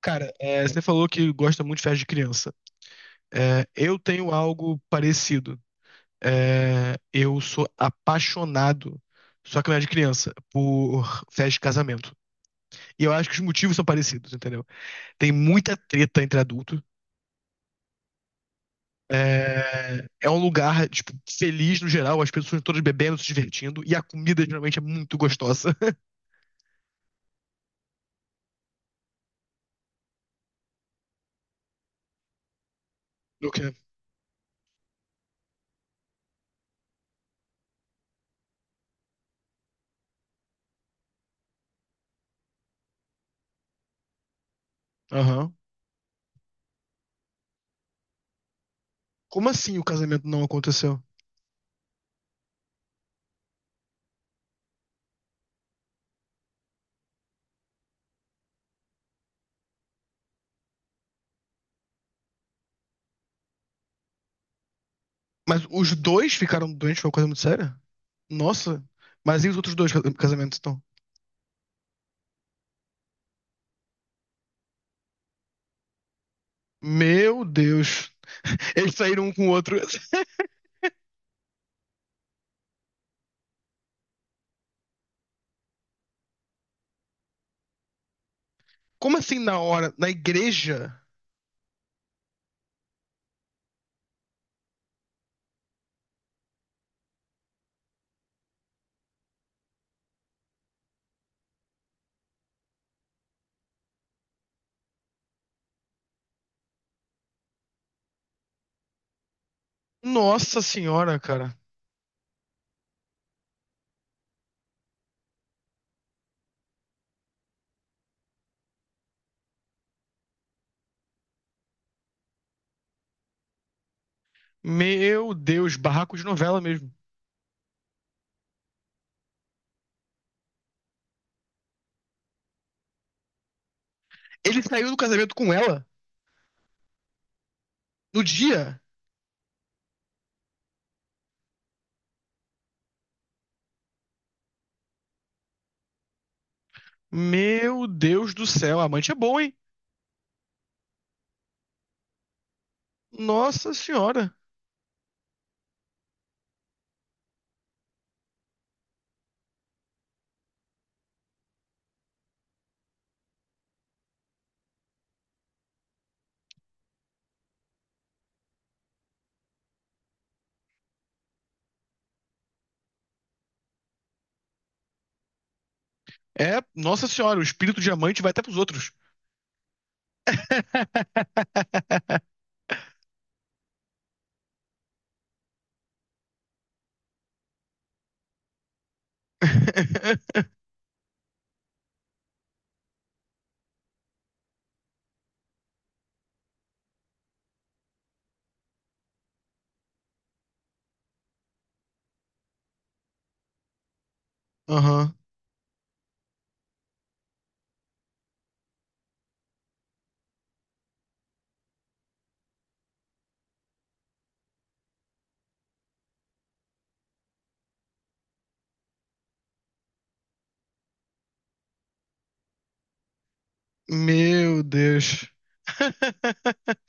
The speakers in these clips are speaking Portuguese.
Cara, você falou que gosta muito de festa de criança. É, eu tenho algo parecido. É, eu sou apaixonado, só que não é de criança, por festa de casamento. E eu acho que os motivos são parecidos, entendeu? Tem muita treta entre adultos. É um lugar, tipo, feliz no geral, as pessoas todas bebendo, se divertindo, e a comida geralmente é muito gostosa. Do que? Aham. Como assim o casamento não aconteceu? Mas os dois ficaram doentes, foi uma coisa muito séria? Nossa, mas e os outros dois casamentos, então? Meu Deus. Eles saíram um com o outro. Como assim na hora? Na igreja? Nossa senhora, cara. Meu Deus, barraco de novela mesmo. Ele saiu do casamento com ela no dia. Meu Deus do céu, a amante é bom, hein? Nossa senhora. É, nossa senhora, o espírito de amante vai até pros outros. Aham. Meu Deus.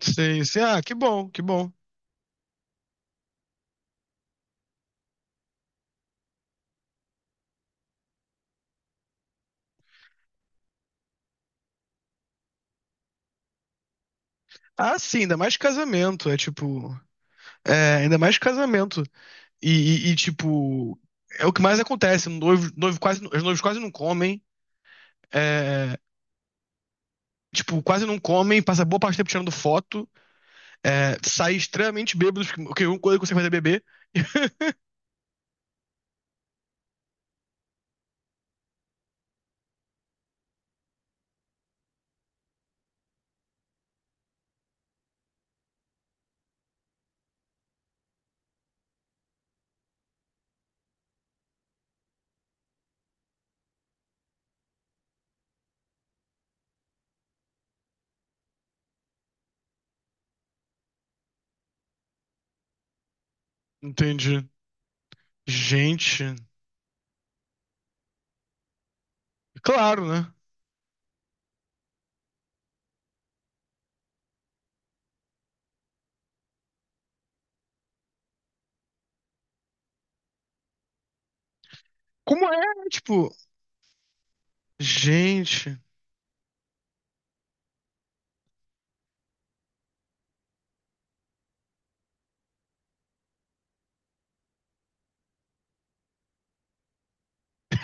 Sim, sim. Ah, que bom, que bom. Ah, sim, ainda mais casamento. É tipo. É, ainda mais casamento. E, tipo. É o que mais acontece. Os noivos quase não comem. É, tipo, quase não comem. Passa boa parte do tempo tirando foto. É, sai extremamente bêbado, porque a única coisa que você faz é beber. Entendi. Gente. Claro, né? Como é? Tipo. Gente.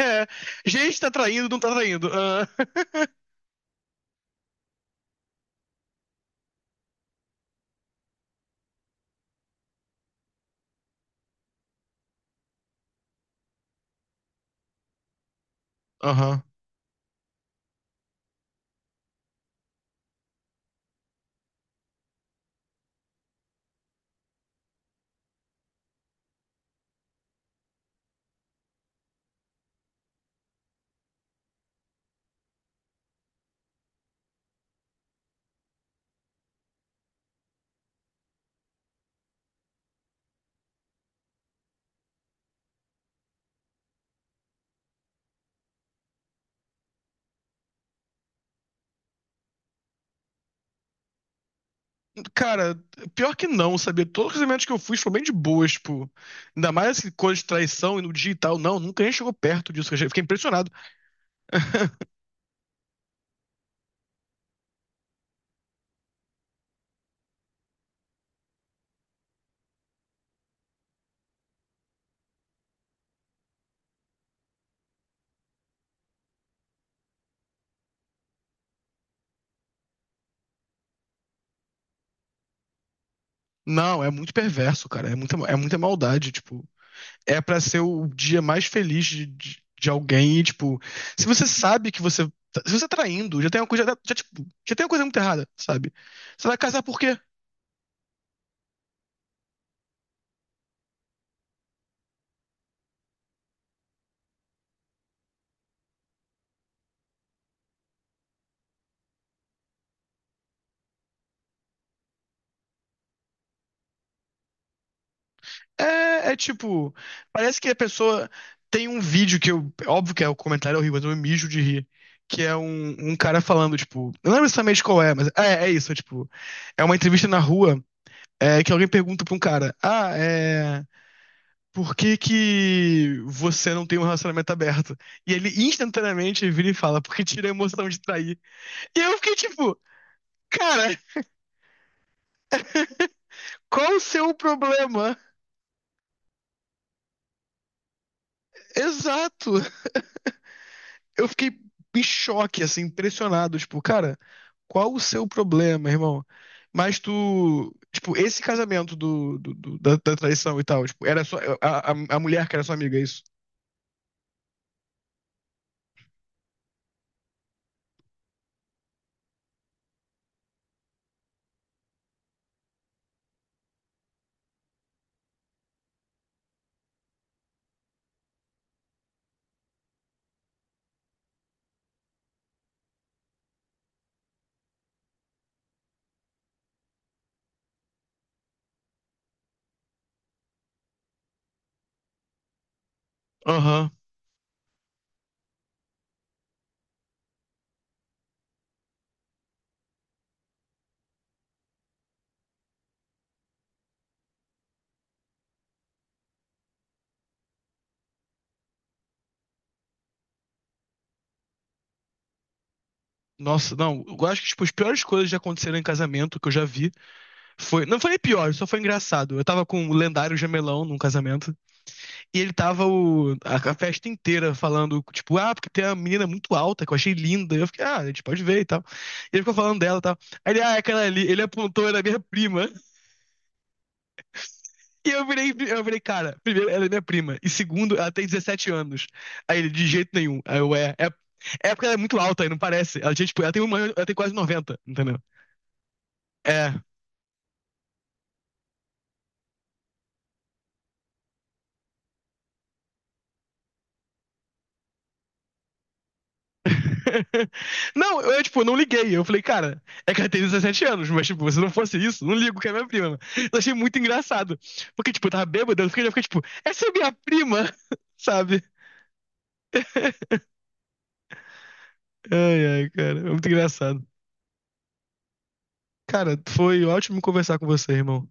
É, gente tá traindo, não tá traindo. Ah. Aham. Cara, pior que não, sabia? Todos os eventos que eu fui foram bem de boas, tipo. Ainda mais que coisa de traição e no digital. Não, nunca nem chegou perto disso. Eu fiquei impressionado. Não, é muito perverso, cara. É muita maldade, tipo. É pra ser o dia mais feliz de alguém e, tipo. Se você sabe que você. Se você tá traindo, já tem uma coisa. Já, tipo, já tem uma coisa muito errada, sabe? Você vai casar por quê? É, é tipo, parece que a pessoa tem um vídeo que eu, óbvio que é o comentário é horrível, mas eu me mijo de rir, que é um, um cara falando, tipo, eu não lembro exatamente qual é, mas é, é isso, é tipo, é uma entrevista na rua, é, que alguém pergunta pra um cara, ah, é, por que que você não tem um relacionamento aberto? E ele instantaneamente vira e fala, porque tira a emoção de trair. E eu fiquei tipo, cara, qual o seu problema? Exato. Eu fiquei em choque, assim, impressionado. Tipo, cara, qual o seu problema, irmão? Mas tu. Tipo, esse casamento da traição e tal, tipo, era só. A mulher que era sua amiga, é isso? Aham. Nossa, não. Eu acho que, tipo, as piores coisas já aconteceram em casamento que eu já vi. Foi, não foi pior, só foi engraçado. Eu tava com o lendário Jamelão num casamento e ele tava a festa inteira falando, tipo, ah, porque tem uma menina muito alta que eu achei linda. Eu fiquei, ah, a gente pode ver e tal. E ele ficou falando dela e tal. Aí ele, ah, é aquela ali, ele apontou, era minha prima. E eu virei, cara, primeiro, ela é minha prima. E segundo, ela tem 17 anos. Aí ele, de jeito nenhum. Aí eu, é porque ela é muito alta aí, não parece. Ela, tinha, tipo, ela tem uma, ela tem quase 1,90, entendeu? É. Não, eu, tipo, não liguei. Eu falei, cara, é que ela tem 17 anos, mas, tipo, se não fosse isso, não ligo que é minha prima. Eu achei muito engraçado. Porque, tipo, eu tava bêbado, eu fiquei tipo, essa é minha prima, sabe? Ai, ai, cara, é muito engraçado. Cara, foi ótimo conversar com você, irmão.